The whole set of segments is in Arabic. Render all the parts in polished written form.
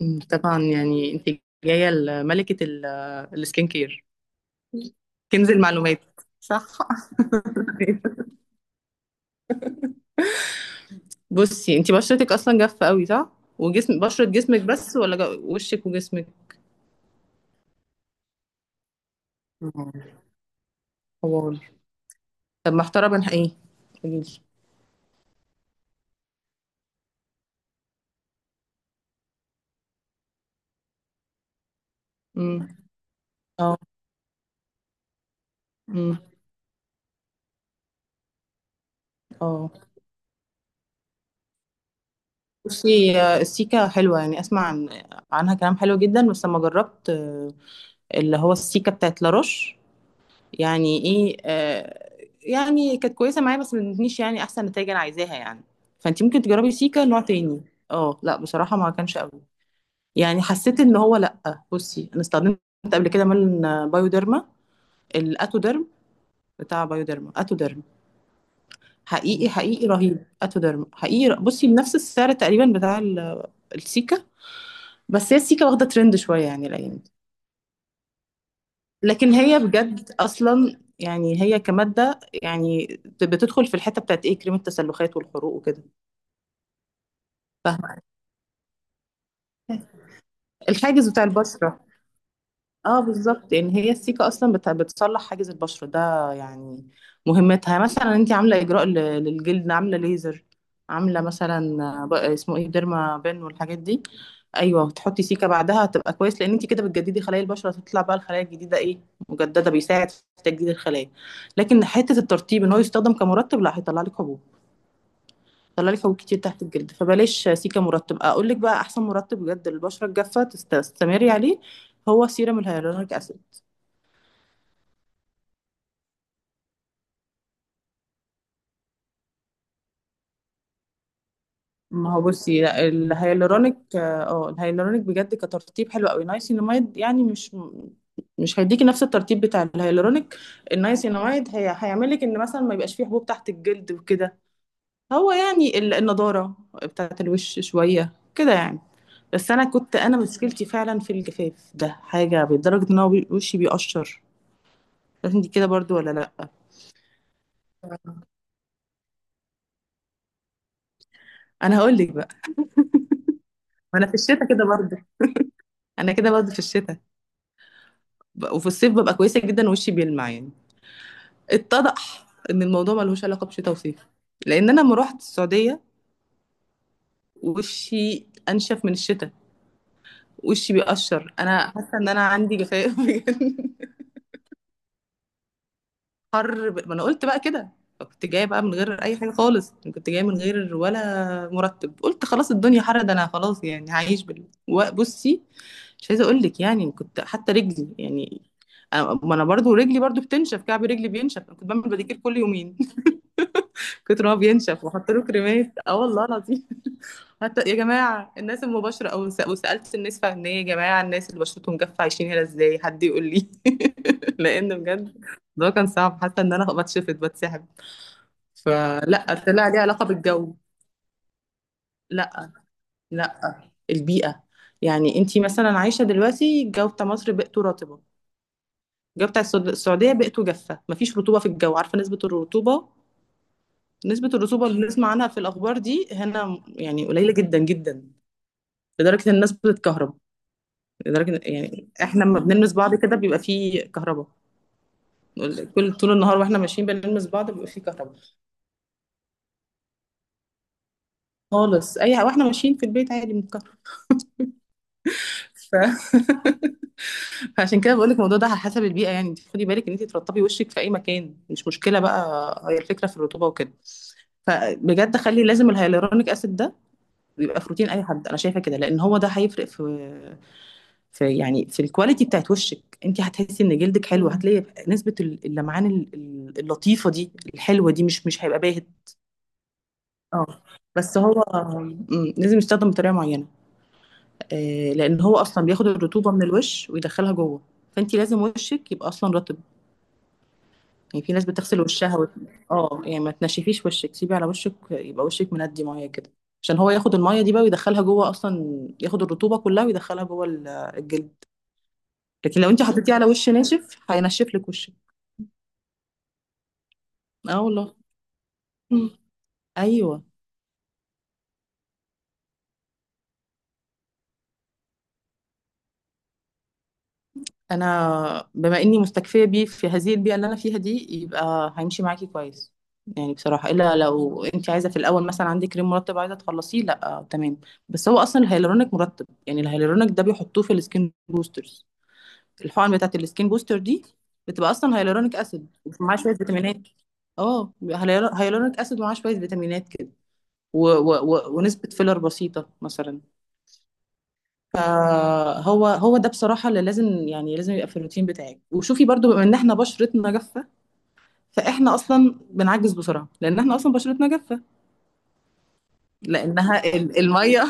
طبعا يعني انت جايه لملكه السكين كير، كنز المعلومات. صح. بصي، انت بشرتك اصلا جافه قوي، صح؟ وجسم بشره جسمك بس ولا وشك وجسمك؟ مم. حوار. طب محتاره بين ايه؟ قوليلي. امم. اه. امم. اه. بصي السيكا حلوه، يعني اسمع عنها كلام حلو جدا، بس لما جربت اللي هو السيكا بتاعت لاروش، يعني ايه، آه، يعني كانت كويسه معايا بس ما ادتنيش يعني احسن نتائج انا عايزاها يعني. فانت ممكن تجربي سيكا نوع تاني. اه لا، بصراحه ما كانش قوي، يعني حسيت ان هو لا. بصي انا استخدمت قبل كده مال بايوديرما، الاتوديرم بتاع بايوديرما، اتوديرم حقيقي رهيب. اتوديرم حقيقي بصي بنفس السعر تقريبا بتاع السيكا، بس هي السيكا واخده ترند شويه يعني الايام دي. لكن هي بجد اصلا يعني هي كماده يعني بتدخل في الحته بتاعت ايه، كريم التسلخات والحروق وكده. فاهمه؟ الحاجز بتاع البشره، اه بالظبط، يعني هي السيكه اصلا بتصلح حاجز البشره ده يعني. مهمتها يعني مثلا انت عامله اجراء للجلد، عامله ليزر، عامله مثلا اسمه ايه، ديرما بن والحاجات دي. ايوه، وتحطي سيكه بعدها هتبقى كويس، لان انت كده بتجددي خلايا البشره، تطلع بقى الخلايا الجديده ايه، مجدده، بيساعد في تجديد الخلايا. لكن حته الترطيب ان هو يستخدم كمرطب، لا، هيطلع لك حبوب، يطلع لك حبوب كتير تحت الجلد، فبلاش سيكه مرطب. اقول لك بقى احسن مرطب بجد للبشره الجافه تستمري عليه، هو سيرم الهيالورونيك اسيد. ما هو بصي لا، الهيالورونيك، اه، الهيالورونيك بجد كترطيب حلو قوي. نايسيناميد يعني مش هيديكي نفس الترطيب بتاع الهيالورونيك. النايسيناميد هي هيعمل لك ان مثلا ما يبقاش فيه حبوب تحت الجلد وكده. هو يعني النضاره بتاعه الوش شويه كده يعني. بس انا كنت، انا مشكلتي فعلا في الجفاف ده حاجه، لدرجه ان هو وشي بيقشر. بس انت كده برضو ولا لا؟ انا هقول لك بقى، انا في الشتاء كده برضه. انا كده برضه في الشتاء وفي الصيف ببقى كويسه جدا، وشي بيلمع يعني. اتضح ان الموضوع ملهوش علاقه بشتاء وصيف، لان انا لما رحت السعوديه وشي انشف من الشتاء، وشي بيقشر، انا حاسه ان انا عندي جفاف بجد. حر ما انا قلت بقى كده، كنت جايه بقى من غير اي حاجه خالص، كنت جايه من غير ولا مرتب، قلت خلاص الدنيا حر ده انا خلاص يعني هعيش بصي مش عايزه اقول لك، يعني كنت حتى رجلي يعني ما انا برضو رجلي برضو بتنشف، كعب رجلي بينشف، انا كنت بعمل بديكير كل يومين كتر ما هو بينشف، واحط له كريمات، اه والله العظيم. حتى يا جماعة الناس المباشرة وسألت الناس فعلا، يا جماعة الناس اللي بشرتهم جافة عايشين هنا ازاي، حد يقول لي. لأن بجد ده كان صعب، حتى إن أنا بتشفط بتسحب. فلا، طلع ليه علاقة بالجو. لا، لا، البيئة. يعني أنتي مثلا عايشة دلوقتي الجو بتاع مصر بيئته رطبة، الجو بتاع السعودية بيئته جافة، مفيش رطوبة في الجو. عارفة نسبة الرطوبة؟ نسبة الرطوبة اللي بنسمع عنها في الأخبار دي هنا يعني قليلة جدا جدا، لدرجة إن الناس بتتكهرب. يعني احنا لما بنلمس بعض كده بيبقى فيه كهرباء، كل طول النهار واحنا ماشيين بنلمس بعض بيبقى فيه كهرباء خالص. اي واحنا ماشيين في البيت عادي بنتكهرب. ف... فعشان كده بقول لك الموضوع ده على حسب البيئة، يعني انت خدي بالك ان انت ترطبي وشك في اي مكان، مش مشكلة بقى، هي الفكرة في الرطوبة وكده. فبجد خلي لازم الهيالورونيك اسيد ده بيبقى في روتين اي حد، انا شايفة كده، لان هو ده هيفرق في يعني في الكواليتي بتاعت وشك، انت هتحسي ان جلدك حلو. هتلاقي نسبة اللمعان اللطيفة دي الحلوة دي، مش هيبقى باهت. اه بس هو لازم يستخدم بطريقة معينة، لان هو اصلا بياخد الرطوبة من الوش ويدخلها جوه، فانت لازم وشك يبقى اصلا رطب. يعني في ناس بتغسل وشها اه يعني ما تنشفيش وشك، سيبي على وشك يبقى وشك مندي ميه كده، عشان هو ياخد الميه دي بقى ويدخلها جوه، اصلا ياخد الرطوبة كلها ويدخلها جوه الجلد. لكن لو انت حطيتيه على وش ناشف هينشف لك وشك. اه والله. مم. ايوه، انا بما اني مستكفيه بيه في هذه البيئه اللي انا فيها دي يبقى هيمشي معاكي كويس. يعني بصراحه الا لو انت عايزه في الاول مثلا عندك كريم مرطب عايزه تخلصيه، لا آه تمام. بس هو اصلا الهيالورونيك مرطب. يعني الهيالورونيك ده بيحطوه في السكين بوسترز، الحقن بتاعت السكين بوستر دي بتبقى اصلا هيالورونيك اسيد ومعاه شويه فيتامينات. اه هيالورونيك اسيد ومعاه شويه فيتامينات كده و... و... و... ونسبه فيلر بسيطه مثلا. فهو هو ده بصراحة اللي لازم يعني لازم يبقى في الروتين بتاعك. وشوفي برضو بما ان احنا بشرتنا جافة، فاحنا اصلا بنعجز بسرعة لان احنا اصلا بشرتنا جافة، لانها المية،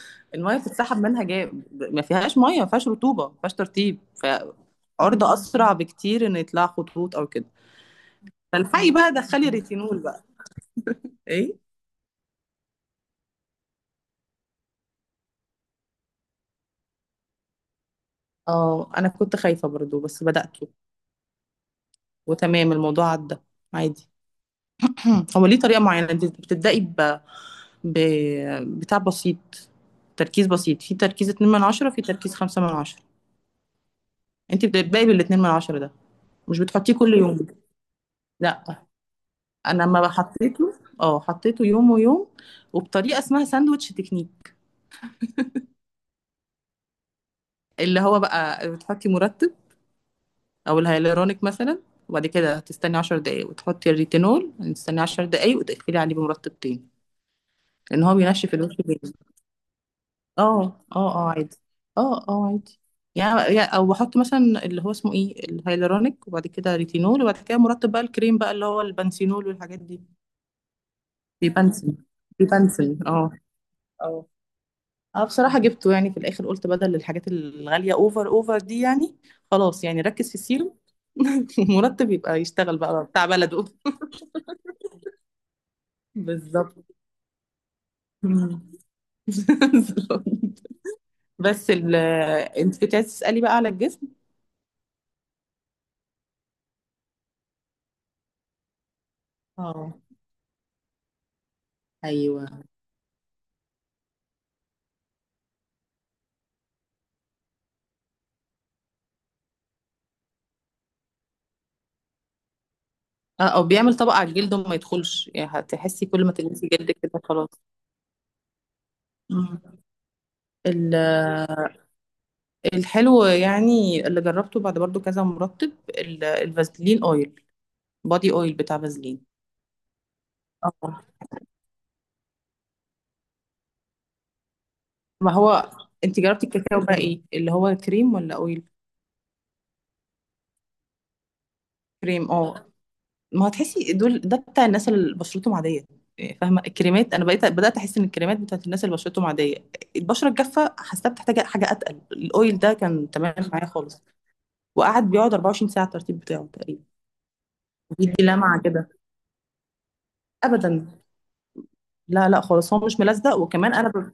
المية بتتسحب منها جاي، ما فيهاش مية، ما فيهاش رطوبة، ما فيهاش ترطيب، فعرضة اسرع بكتير ان يطلع خطوط او كده. فالحقي بقى دخلي ريتينول بقى. ايه، اه انا كنت خايفة برضو بس بدأته وتمام، الموضوع عدى عادي. هو ليه طريقة معينة انت بتبدأي ب... بتاع بسيط، تركيز بسيط، في تركيز 2 من 10، في تركيز 5 من 10. انت بتبدأي بال 2 من 10 ده، مش بتحطيه كل يوم لا. انا لما حطيته، اه حطيته يوم ويوم، وبطريقه اسمها ساندوتش تكنيك. اللي هو بقى بتحطي مرطب او الهيالورونيك مثلا، وبعد كده تستني 10 دقايق، وتحطي الريتينول، تستني 10 دقايق، وتقفلي عليه بمرطب تاني، لان هو بينشف الوش. اه اه اه عادي، اه اه عادي. يعني او بحط مثلا اللي هو اسمه ايه، الهيالورونيك، وبعد كده ريتينول، وبعد كده مرطب بقى، الكريم بقى اللي هو البنسينول والحاجات دي. بيبنسل، بيبنسل اه. اه اه بصراحة جبته يعني في الاخر قلت بدل الحاجات الغالية اوفر اوفر دي يعني، خلاص يعني ركز في السيرم مرتب يبقى يشتغل بقى بتاع بلده. بالظبط. مم. بالظبط. بس ال... انت كنت عايز تسألي بقى على الجسم. اه ايوه، او بيعمل طبقة على الجلد وما يدخلش، يعني هتحسي كل ما تلمسي جلدك كده خلاص. مم. ال- الحلو يعني اللي جربته بعد برضو كذا مرطب، الفازلين اويل، بادي اويل بتاع فازلين. اه ما هو، انت جربتي الكاكاو بقى ايه، اللي هو كريم ولا اويل؟ كريم، اه. ما هتحسي دول ده بتاع الناس اللي بشرتهم عادية، يعني فاهمة الكريمات. انا بقيت بدأت احس ان الكريمات بتاعت الناس اللي بشرتهم عادية، البشرة الجافة حاسة بتحتاج حاجة اتقل. الاويل ده كان تمام معايا خالص، وقعد بيقعد 24 ساعه على الترتيب بتاعه تقريبا، وبيدي لمعه كده. ابدا، لا لا خالص، هو مش ملزق، وكمان انا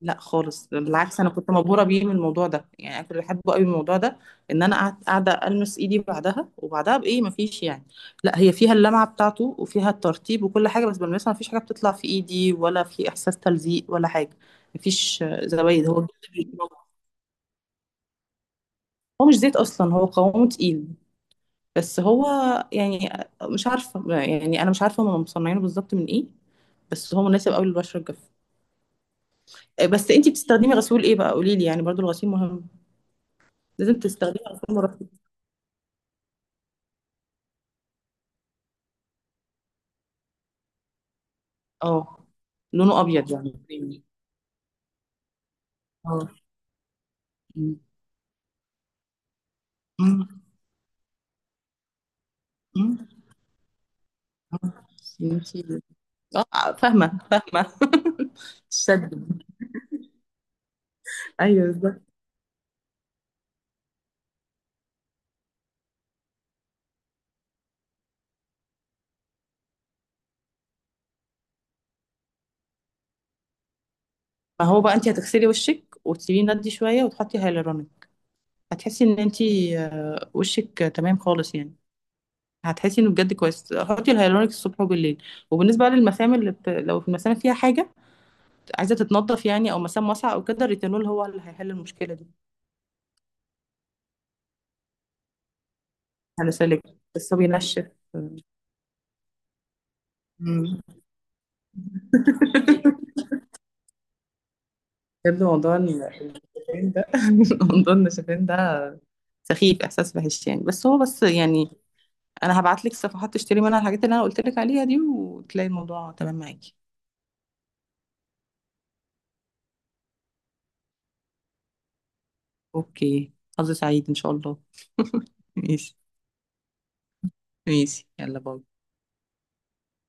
لا خالص بالعكس، انا كنت مبهوره بيه من الموضوع ده يعني، انا كنت بحبه قوي من الموضوع ده. ان انا قعدت قاعده المس ايدي بعدها وبعدها بايه مفيش يعني، لا هي فيها اللمعه بتاعته وفيها الترتيب وكل حاجه، بس بلمسها مفيش حاجه بتطلع في ايدي، ولا في احساس تلزيق ولا حاجه، مفيش زوايد هو. هو مش زيت اصلا، هو قوامه تقيل. بس هو يعني مش عارفه، يعني انا مش عارفه هم مصنعينه بالظبط من ايه، بس هو مناسب قوي للبشره الجافه. بس انتي بتستخدمي غسول ايه بقى قولي لي، يعني برضو الغسيل مهم، لازم تستخدمي غسول مرطب. اه لونه ابيض يعني كريمي. اه م- م- م- م. انتي، اه فاهمه فاهمه. الشد. ايوه بالظبط. ما هو بقى انتي هتغسلي وشك وتسيبيه ندي شويه وتحطي هيالورونيك، هتحسي ان انتي وشك تمام خالص يعني، هتحسي انه بجد كويس. حطي الهيالورونيك الصبح وبالليل. وبالنسبه بقى للمسام لو في المسام فيها حاجه عايزه تتنضف يعني، او مسام واسعه او كده، الريتينول هو اللي هيحل المشكله دي. هلسلك، بس هو بينشف. مم. بجد موضوع النشفان ده، موضوع النشفان ده سخيف، احساس وحش يعني. بس هو بس يعني انا هبعت لك صفحات تشتري منها الحاجات اللي انا قلت لك عليها دي، وتلاقي الموضوع تمام معاكي. اوكي، حظ سعيد ان شاء الله. ماشي. ماشي يلا باي.